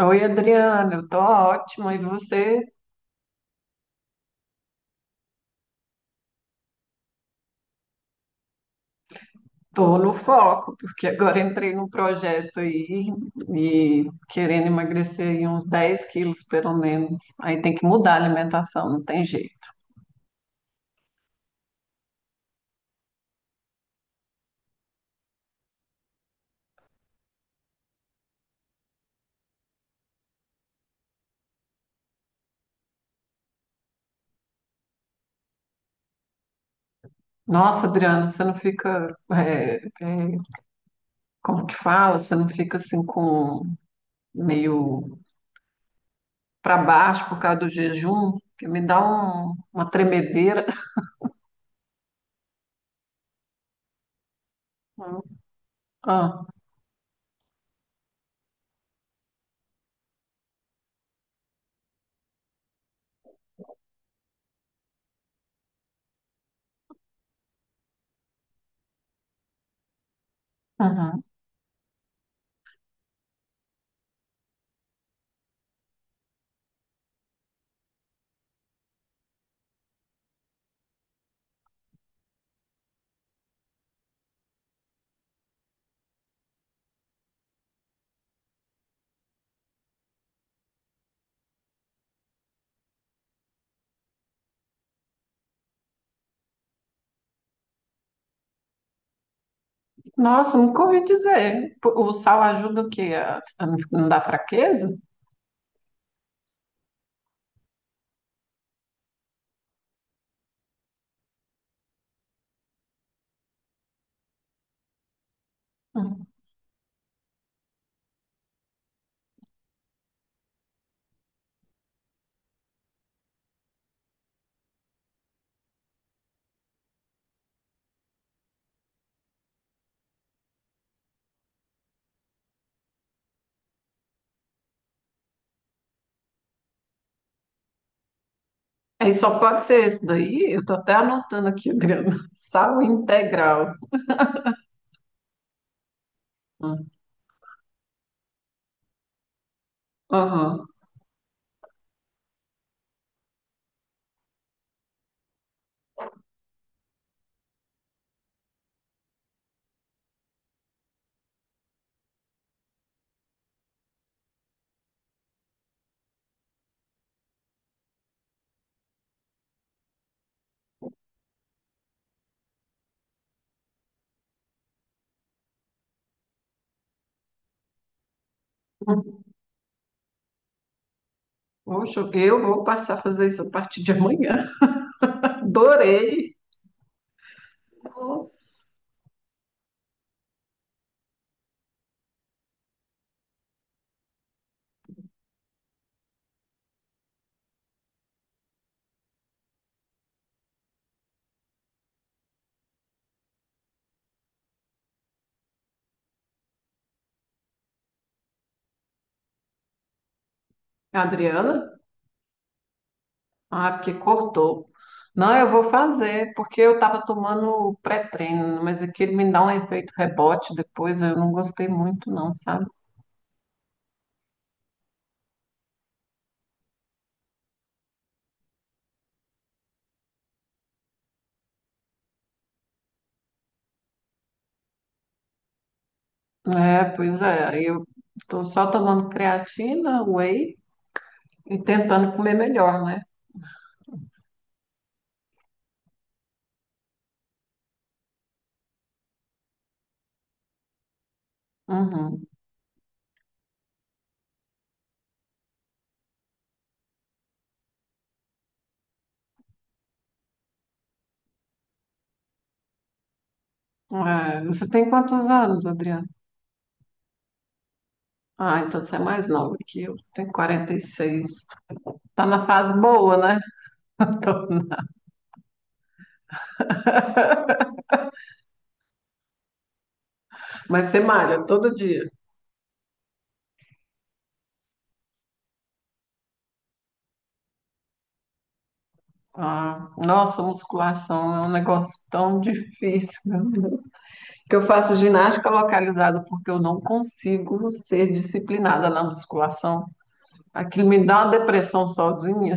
Oi, Adriana, eu tô ótima. E você? Tô no foco, porque agora entrei num projeto aí e querendo emagrecer aí uns 10 quilos, pelo menos. Aí tem que mudar a alimentação, não tem jeito. Nossa, Adriana, você não fica, como que fala? Você não fica assim com meio pra baixo por causa do jejum? Que me dá uma tremedeira. Ah, uhum. Nossa, nunca ouvi dizer. O sal ajuda o quê? A não dar fraqueza? Hum. Aí só pode ser esse daí. Eu tô até anotando aqui, Adriana. Sal integral. Hum. Aham. Hum. Poxa, eu vou passar a fazer isso a partir de amanhã. Adorei. Nossa. Adriana? Ah, porque cortou. Não, eu vou fazer, porque eu estava tomando pré-treino, mas aquele me dá um efeito rebote depois, eu não gostei muito, não, sabe? É, pois é. Eu tô só tomando creatina, whey e tentando comer melhor, né? Uhum. É, você tem quantos anos, Adriana? Ah, então você é mais nova que eu. Tenho 46. Tá na fase boa, né? Mas você malha todo dia. Ah, nossa, musculação é um negócio tão difícil, meu Deus. Que eu faço ginástica localizada porque eu não consigo ser disciplinada na musculação. Aquilo me dá uma depressão sozinha.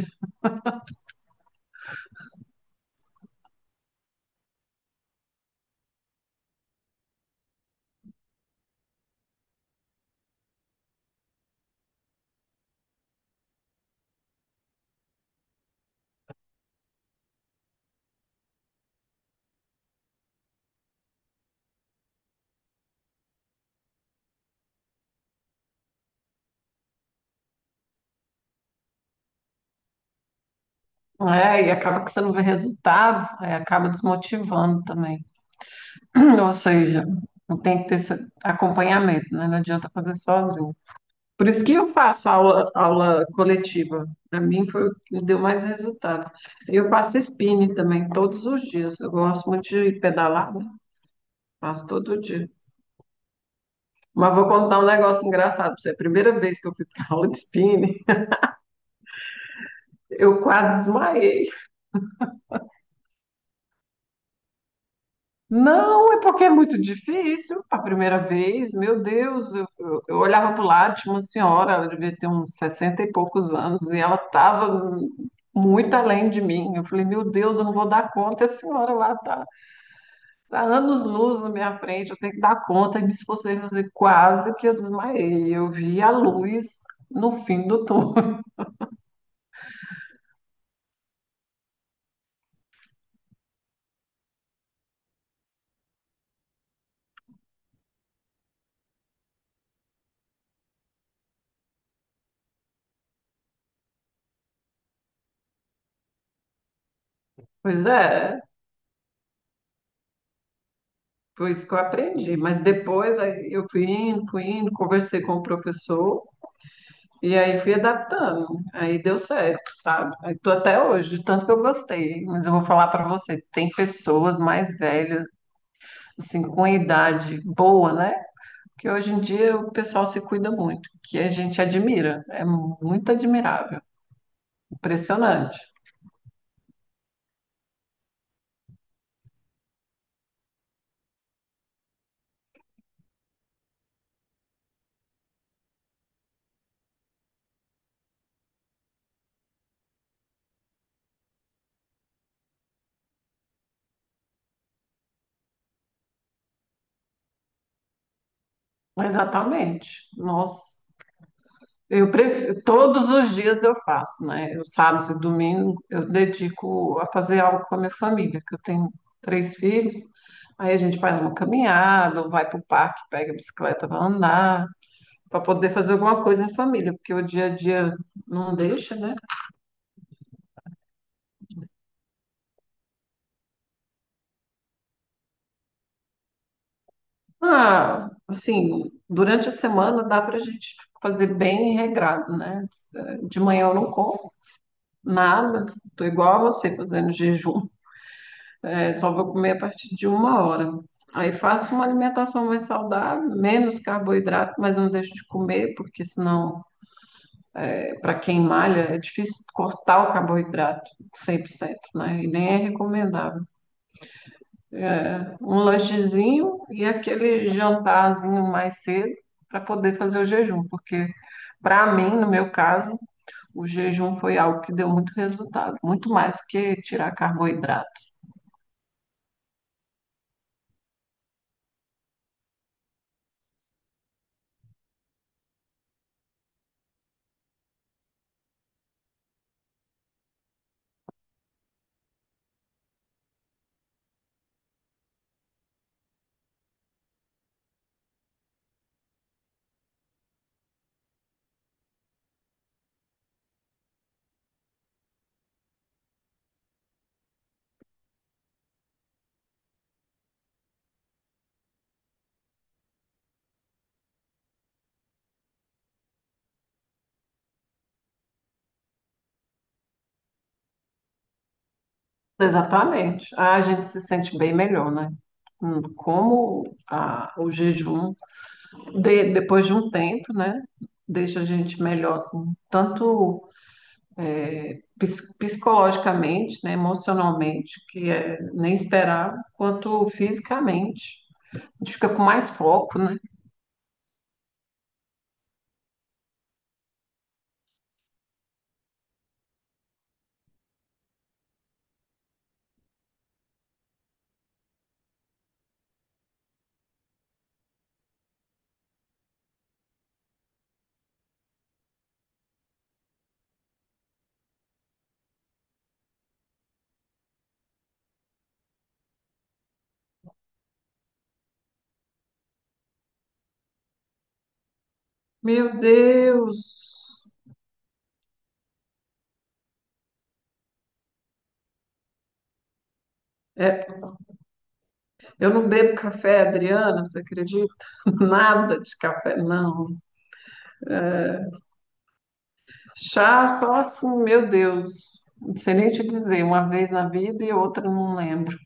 É, e acaba que você não vê resultado, aí acaba desmotivando também. Ou seja, tem que ter esse acompanhamento, né? Não adianta fazer sozinho. Por isso que eu faço aula, aula coletiva. Para mim foi o que deu mais resultado. Eu faço spinning também todos os dias. Eu gosto muito de pedalar, né? Faço todo dia. Mas vou contar um negócio engraçado para você. A primeira vez que eu fui para aula de spinning, eu quase desmaiei. Não, é porque é muito difícil a primeira vez. Meu Deus, eu olhava para o lado, tinha uma senhora, ela devia ter uns 60 e poucos anos, e ela estava muito além de mim. Eu falei, meu Deus, eu não vou dar conta. A senhora lá está tá anos-luz na minha frente, eu tenho que dar conta. E me esforcei, mas eu quase que eu desmaiei. Eu vi a luz no fim do túnel. Pois é, foi isso que eu aprendi. Mas depois aí, eu fui indo, conversei com o professor. E aí fui adaptando, aí deu certo, sabe? Aí tô até hoje, tanto que eu gostei. Mas eu vou falar para você, tem pessoas mais velhas, assim, com idade boa, né? Que hoje em dia o pessoal se cuida muito, que a gente admira, é muito admirável, impressionante. Exatamente. Nossa. Eu prefiro, todos os dias eu faço, né? Os sábados e domingo eu dedico a fazer algo com a minha família, que eu tenho três filhos. Aí a gente vai numa caminhada, ou vai para o parque, pega a bicicleta para andar, para poder fazer alguma coisa em família, porque o dia a dia não deixa, né? Ah, assim, durante a semana dá para a gente fazer bem regrado, né? De manhã eu não como nada, tô igual a você fazendo jejum. É, só vou comer a partir de 1 hora. Aí faço uma alimentação mais saudável, menos carboidrato, mas eu não deixo de comer, porque senão, para quem malha, é difícil cortar o carboidrato 100%, né? E nem é recomendável. É, um lanchezinho e aquele jantarzinho mais cedo para poder fazer o jejum, porque para mim, no meu caso, o jejum foi algo que deu muito resultado, muito mais do que tirar carboidrato. Exatamente. Ah, a gente se sente bem melhor, né? Como o jejum, depois de um tempo, né, deixa a gente melhor, assim, tanto psicologicamente, né, emocionalmente, que é nem esperar, quanto fisicamente. A gente fica com mais foco, né? Meu Deus! É, eu não bebo café, Adriana, você acredita? Nada de café, não. Chá só assim, meu Deus. Não sei nem te dizer, uma vez na vida e outra não lembro.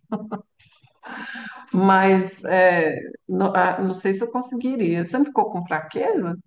Mas é, ah, não, sei se eu conseguiria. Você não ficou com fraqueza?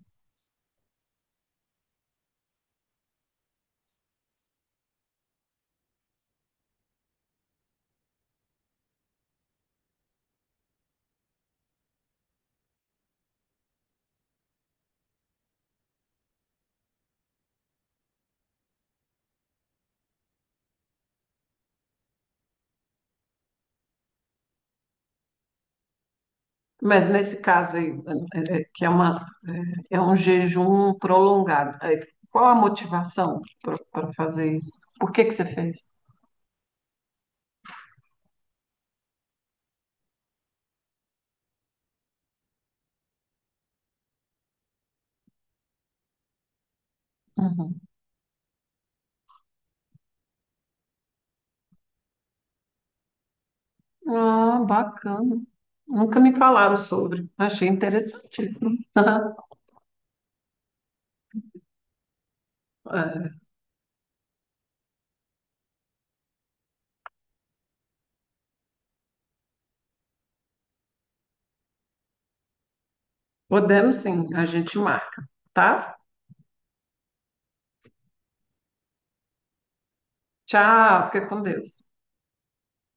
Mas nesse caso aí, é, é, que é, uma, um jejum prolongado, aí, qual a motivação para fazer isso? Por que que você fez? Uhum. Ah, bacana. Nunca me falaram sobre. Achei interessantíssimo. É, podemos sim, a gente marca, tá? Tchau, fica com Deus.